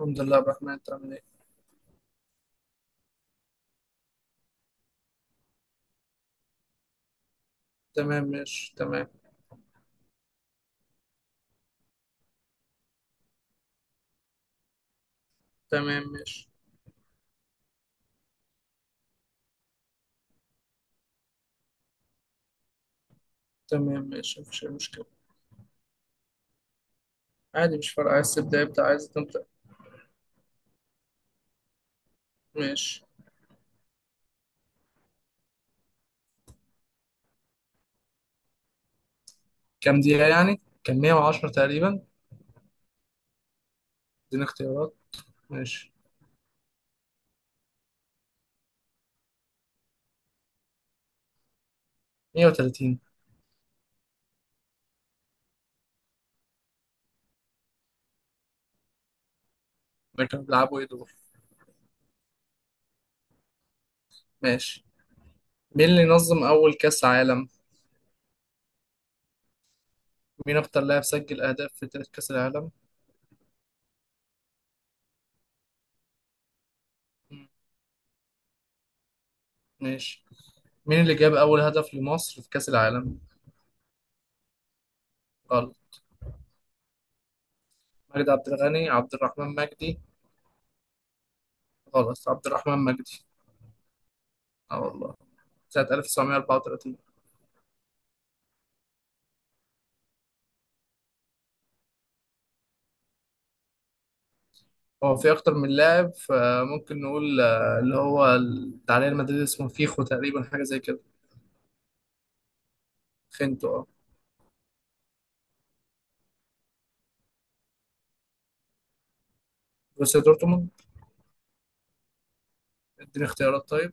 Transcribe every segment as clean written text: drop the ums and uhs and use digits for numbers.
الحمد لله يا عبد الرحمن، انت عامل ايه؟ تمام، ماشي تمام. تمام، ماشي. تمام، ماشي، مفيش اي مشكلة. عادي، مش فارقة، عايز تبدأ ابدأ، عايز تبدأ. ماشي. كام دقيقة يعني؟ كان 110 تقريبا. اديني اختيارات. ماشي. 130. ده كانوا بيلعبوا ايه دول؟ ماشي. مين اللي نظم أول كأس عالم؟ مين أكتر لاعب سجل أهداف في تاريخ كأس العالم؟ مم، ماشي. مين اللي جاب أول هدف لمصر في كأس العالم؟ غلط. مجدي عبد الغني، عبد الرحمن مجدي. غلط، عبد الرحمن مجدي. اه والله. سنة 1934. هو في أكتر من لاعب، فممكن نقول اللي هو التعليق المدريد، اسمه فيخو تقريبا، حاجة زي كده. خنتو اه. بروسيا دورتموند. اديني اختيارات طيب.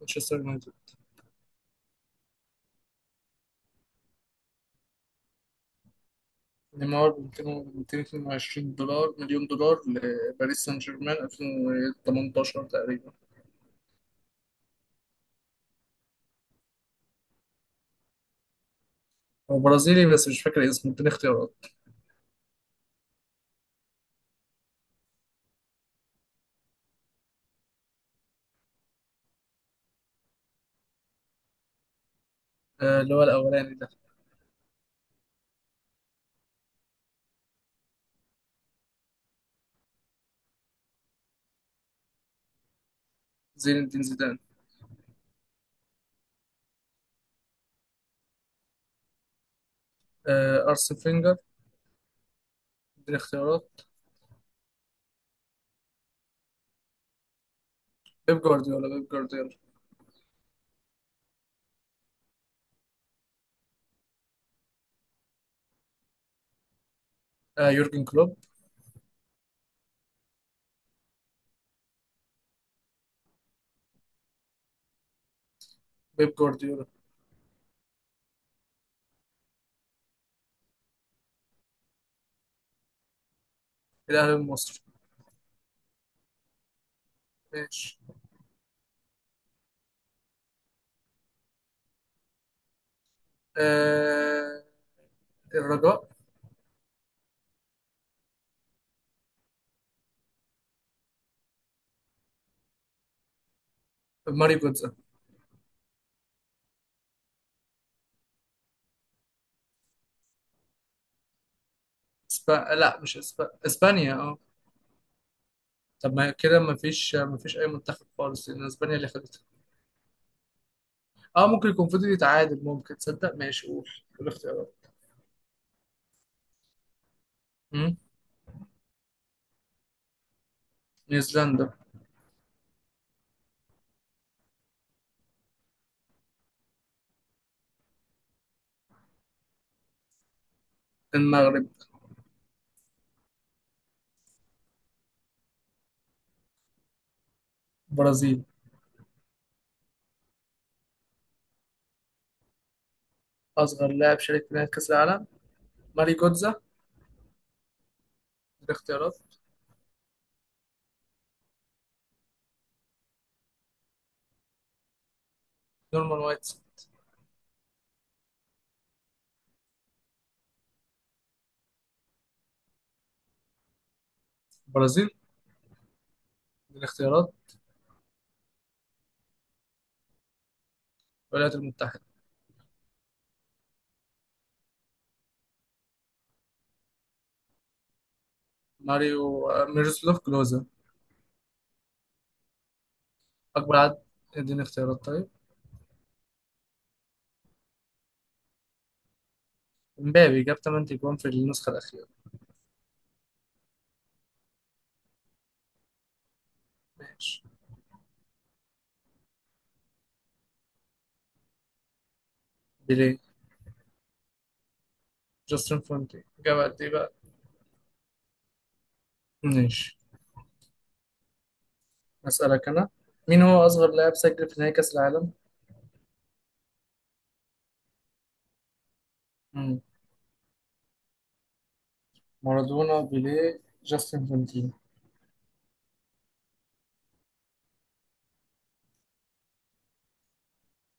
مانشستر يونايتد. نيمار ب 222 دولار مليون دولار لباريس سان جيرمان 2018 تقريبا. هو برازيلي بس مش فاكر اسمه، اديني اختيارات. اللي هو الأولاني ده. زين الدين زيدان. أرسن فينجر. اديني اختيارات. بيب جوارديولا، بيب جوارديولا. يورجن كلوب. بيب جوارديولا. الأهلي المصري. ماشي. آه، الرجاء. ماري جوتزا. لا مش اسبانيا اه. طب ما كده ما فيش اي منتخب خالص، لان اسبانيا اللي خدتها. اه ممكن يكون فضل يتعادل، ممكن تصدق. ماشي، قول الاختيارات. مم. نيوزيلندا. المغرب. برازيل. اصغر لاعب شارك في نهائي كاس العالم. ماري جوتزا. الاختيارات. نورمان وايت. برازيل. الاختيارات. الولايات المتحدة. ماريو ميروسلاف كلوزا. اكبر عدد. اديني اختيارات طيب. مبابي جاب 8 جوان في النسخة الأخيرة. ماشي. بيليه. جاستن فونتي جاب قد ايه بقى. ماشي. اسالك انا. مين هو اصغر لاعب سجل في نهائي كاس العالم. مم. مارادونا، بيليه، جاستن فونتي.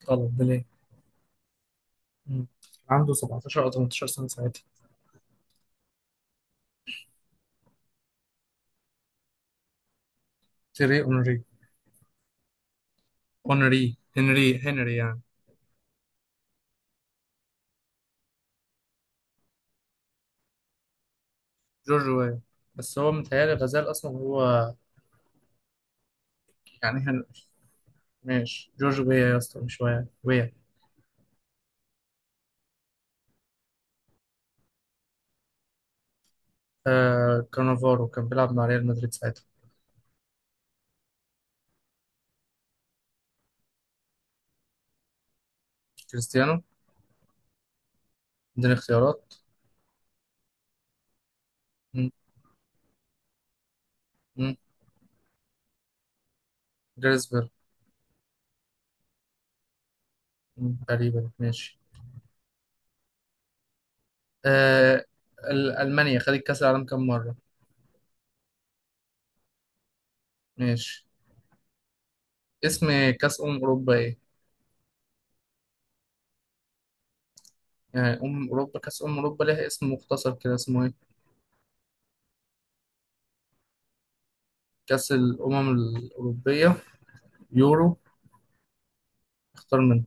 غلط، بيليه. مم. عنده 17 او 18 سنه ساعتها. تيري اونري. اونري، هنري يعني. جورج ويا. بس هو متهيألي غزال اصلا هو. يعني هن... ماشي، جورج ويا يا اسطى، مش ويا ويا. آه كانافارو، كان بيلعب مع ريال مدريد ساعتها. كريستيانو. اديني اختيارات. مم. مم. جريزبرغ. تقريبا. ماشي. آه ألمانيا خدت كأس العالم كام مرة؟ ماشي. اسم كأس أمم أوروبا إيه؟ يعني أمم أوروبا، كأس أمم أوروبا ليها اسم مختصر كده، اسمه إيه؟ كأس الأمم الأوروبية. يورو. اختار منه.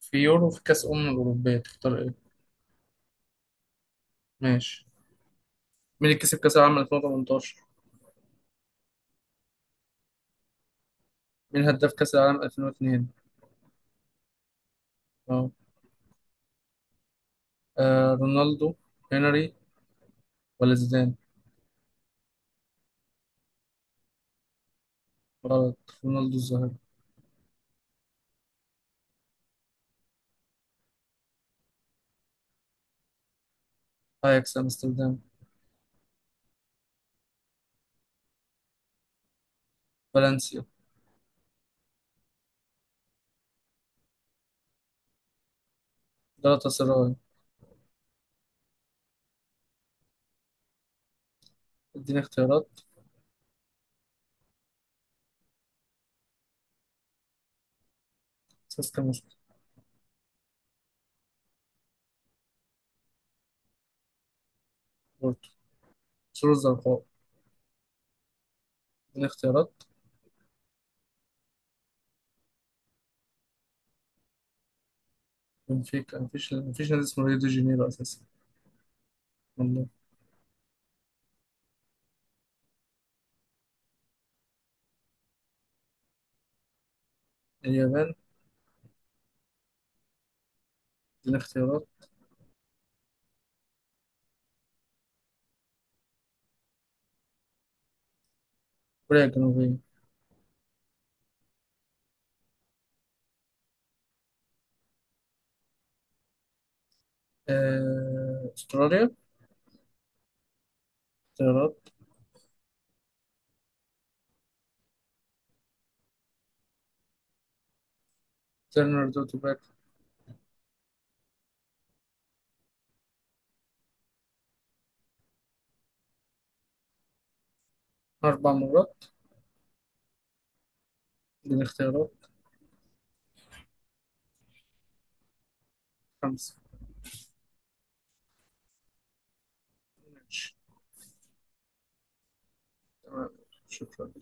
في يورو، في كأس أمم أوروبية، تختار إيه؟ ماشي. مين اللي كسب كأس العالم 2018؟ مين هداف كأس العالم 2002؟ أه. آه، رونالدو، هنري، ولا زيدان؟ غلط. رونالدو الظاهرة. أياكس أمستردام. فالنسيا. جالاتا سراي. اديني اختيارات. سيستم. وسكوت. سور الزرقاء. الاختيارات. بنفيكا. مفيش نادي اسمه ريو دي جانيرو أساسا. والله. اليابان. دي اختيارات. كوريا الجنوبية. آه، أستراليا. اختيارات. ترينيداد وتوباكو. أربع مرات. دي الاختيارات. خمسة. ماشي تمام. شكرا.